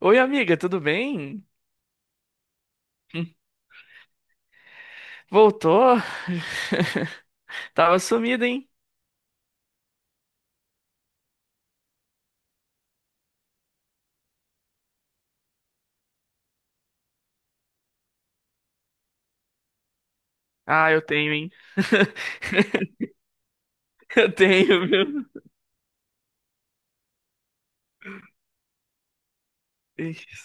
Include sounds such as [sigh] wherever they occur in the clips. Oi, amiga, tudo bem? Voltou? [laughs] Tava sumida, hein? Ah, eu tenho, hein? [laughs] Eu tenho, viu? Ixi.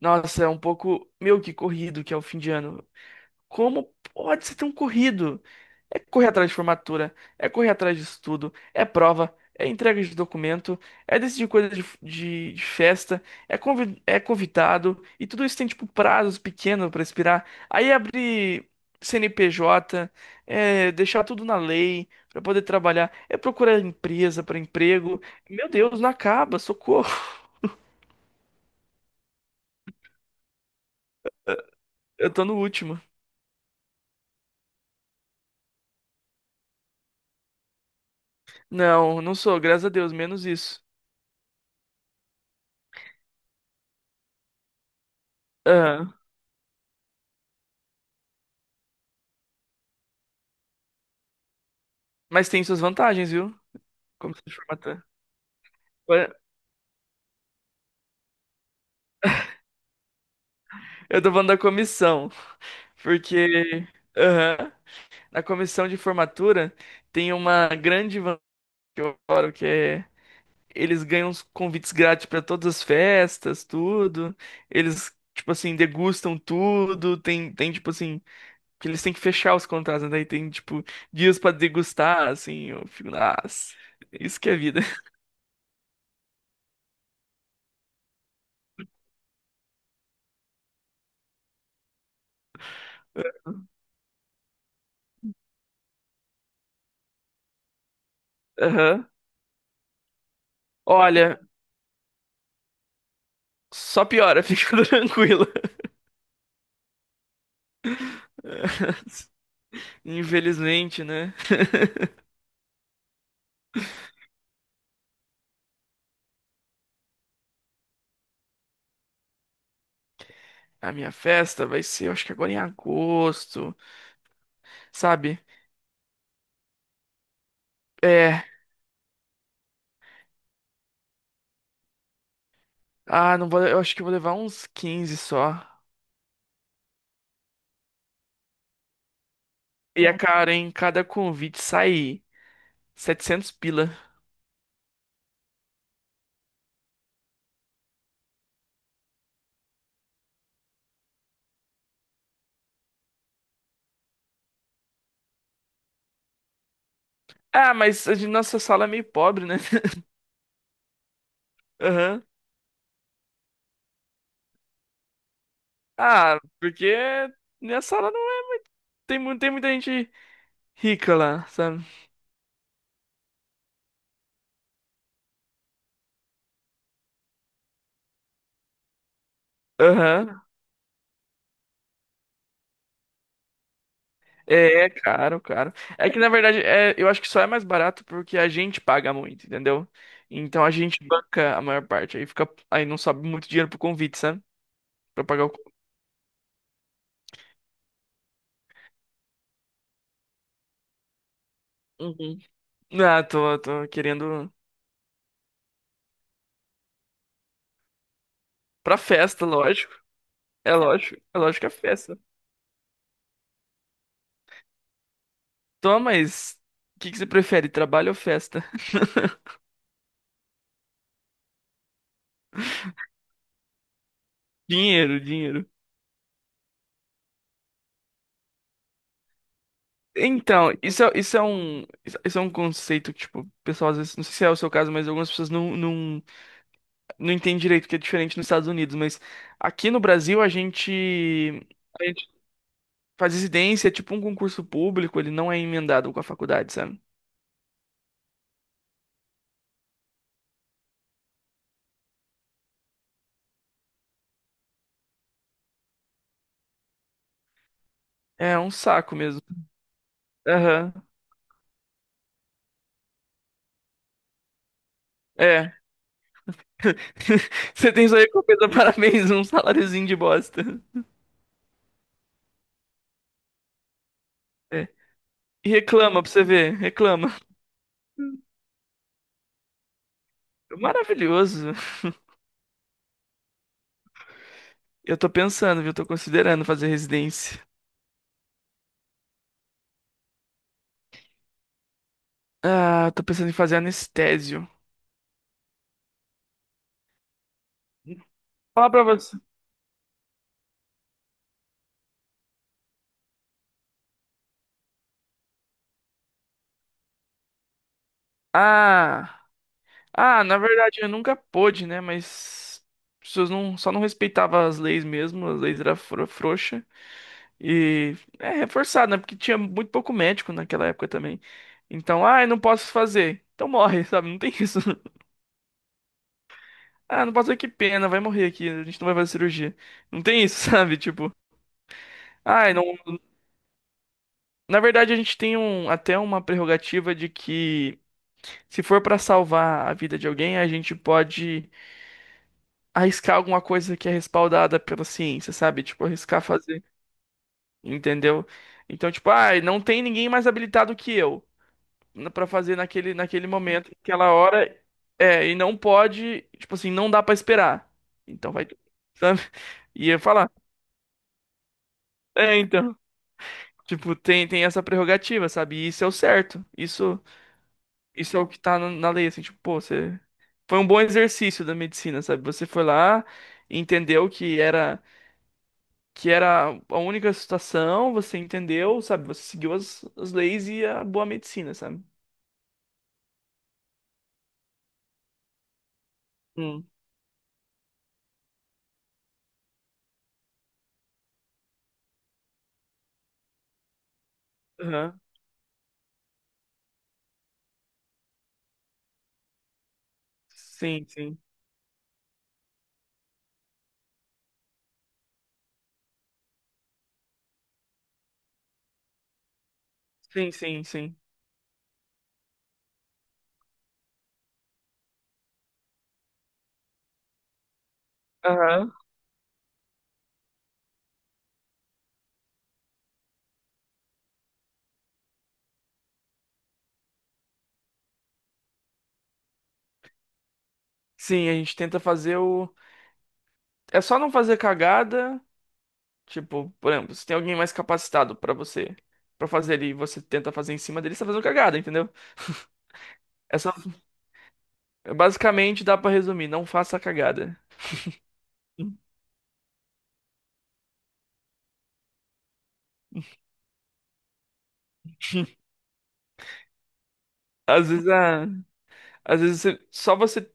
Nossa, é um pouco, meu, que corrido que é o fim de ano. Como pode você ter um corrido? É correr atrás de formatura, é correr atrás de estudo, é prova, é entrega de documento, é decidir coisa de festa, é, convidado, e tudo isso tem, tipo, prazos pequenos para expirar. Aí abrir CNPJ, é deixar tudo na lei para poder trabalhar, é procurar empresa para emprego. Meu Deus, não acaba, socorro. [laughs] Eu tô no último. Não, sou, graças a Deus, menos isso. Aham. Mas tem suas vantagens, viu? Comissão de formatura. Ué, eu tô falando da comissão, porque aham, na comissão de formatura tem uma grande vantagem que eu adoro, que é eles ganham os convites grátis pra todas as festas, tudo. Eles, tipo assim, degustam tudo. Tem, tipo assim, que eles têm que fechar os contratos, né? Daí tem, tipo, dias pra degustar, assim. Eu fico, nossa, isso que é vida. [laughs] Aham. Olha, só piora, [laughs] fica tranquila. [laughs] Infelizmente, né? A minha festa vai ser, eu acho que agora em agosto, sabe? É. Ah, não vou, eu acho que eu vou levar uns 15 só. E a Não. Cara, em cada convite sai 700 pila. Ah, mas a gente- nossa sala é meio pobre, né? [laughs] Aham. Ah, porque minha sala não é. Tem, tem muita gente rica lá, sabe? Aham. É caro, caro. É que na verdade é, eu acho que só é mais barato porque a gente paga muito, entendeu? Então a gente banca a maior parte. Aí fica, aí não sobe muito dinheiro pro convite, sabe? Pra pagar o. Co- Uhum. Ah, tô querendo pra festa, lógico. É lógico, é lógico que é festa. Toma, mas o que que você prefere, trabalho ou festa? [laughs] Dinheiro. Então, isso é um conceito que, tipo, o pessoal às vezes, não sei se é o seu caso, mas algumas pessoas não entendo direito porque é diferente nos Estados Unidos, mas aqui no Brasil a gente faz residência, é tipo um concurso público, ele não é emendado com a faculdade, sabe? É um saco mesmo. Aham. É. [laughs] Você tem sua recompensa, [laughs] parabéns, um saláriozinho de bosta. É. E reclama pra você ver, reclama. Maravilhoso. Eu tô pensando, viu? Tô considerando fazer residência. Ah, tô pensando em fazer anestésio. Falar pra você. Ah. Ah, na verdade eu nunca pude, né? Mas as pessoas não, só não respeitavam as leis mesmo, as leis eram frouxa e é reforçado, né? Porque tinha muito pouco médico naquela época também. Então, ah, eu não posso fazer. Então morre, [laughs] sabe? Não tem isso. [laughs] Ah, não posso fazer, que pena, vai morrer aqui, a gente não vai fazer cirurgia. Não tem isso, [laughs] sabe? Tipo, ah, não. Na verdade a gente tem um, até uma prerrogativa de que se for pra salvar a vida de alguém, a gente pode arriscar alguma coisa que é respaldada pela ciência, sabe? Tipo, arriscar fazer, entendeu? Então, tipo, ah, não tem ninguém mais habilitado que eu pra fazer naquele momento, naquela hora, é, e não pode, tipo assim, não dá pra esperar. Então vai, tu, [laughs] sabe? E eu falar, é, então, tipo, tem, tem essa prerrogativa, sabe? E isso é o certo. Isso, isso é o que tá na lei, assim, tipo, pô, você foi um bom exercício da medicina, sabe? Você foi lá, entendeu que era a única situação, você entendeu, sabe? Você seguiu as, as leis e a boa medicina, sabe? Hum. Aham. Sim, sim. Sim, sim, sim. Aham. Sim, a gente tenta fazer o. É só não fazer cagada. Tipo, por exemplo, se tem alguém mais capacitado pra você pra fazer ali, e você tenta fazer em cima dele, você tá fazendo cagada, entendeu? É só... É basicamente dá pra resumir, não faça cagada. Às vezes, a... Às vezes você- só você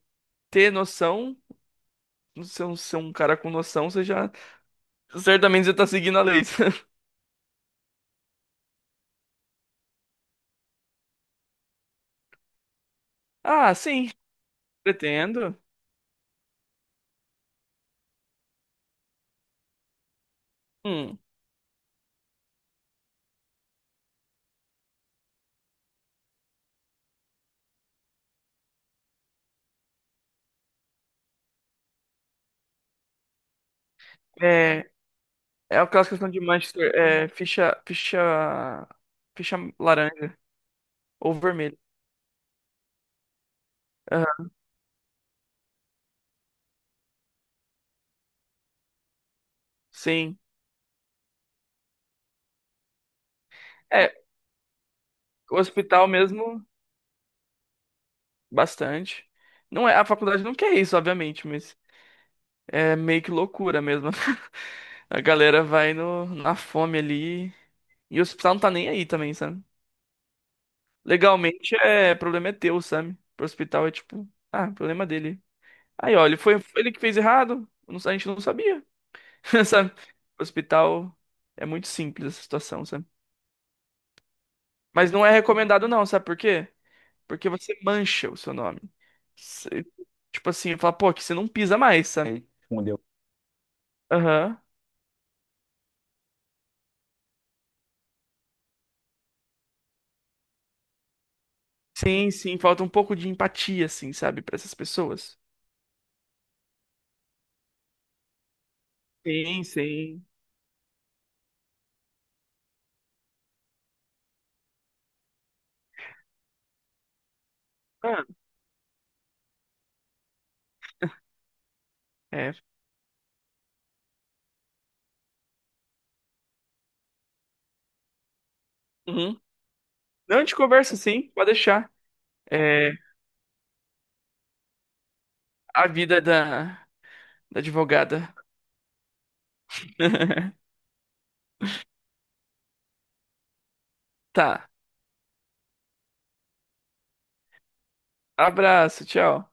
ter noção, ser um cara com noção, você já certamente você tá seguindo a lei. [laughs] Ah, sim, pretendo. Hum. É, é aquelas questões de Manchester. É, ficha laranja ou vermelha. Aham, sim. É, o hospital mesmo, bastante. Não é, a faculdade não quer isso, obviamente, mas é meio que loucura mesmo. [laughs] A galera vai no, na fome ali. E o hospital não tá nem aí também, sabe? Legalmente, é, problema é teu, sabe? Pro hospital é tipo, ah, problema dele. Aí, ó, ele foi ele que fez errado, não- a gente não sabia, [laughs] sabe? Hospital é muito simples essa situação, sabe? Mas não é recomendado não, sabe por quê? Porque você mancha o seu nome. Você- tipo assim, fala, pô, que você não pisa mais, sabe? Aham. Sim, sim, falta um pouco de empatia, assim, sabe, pra essas pessoas. Sim, sim. Ah, é. Uhum. Não, a gente conversa sim, pode deixar. É a vida da, da advogada. [laughs] Tá. Abraço, tchau.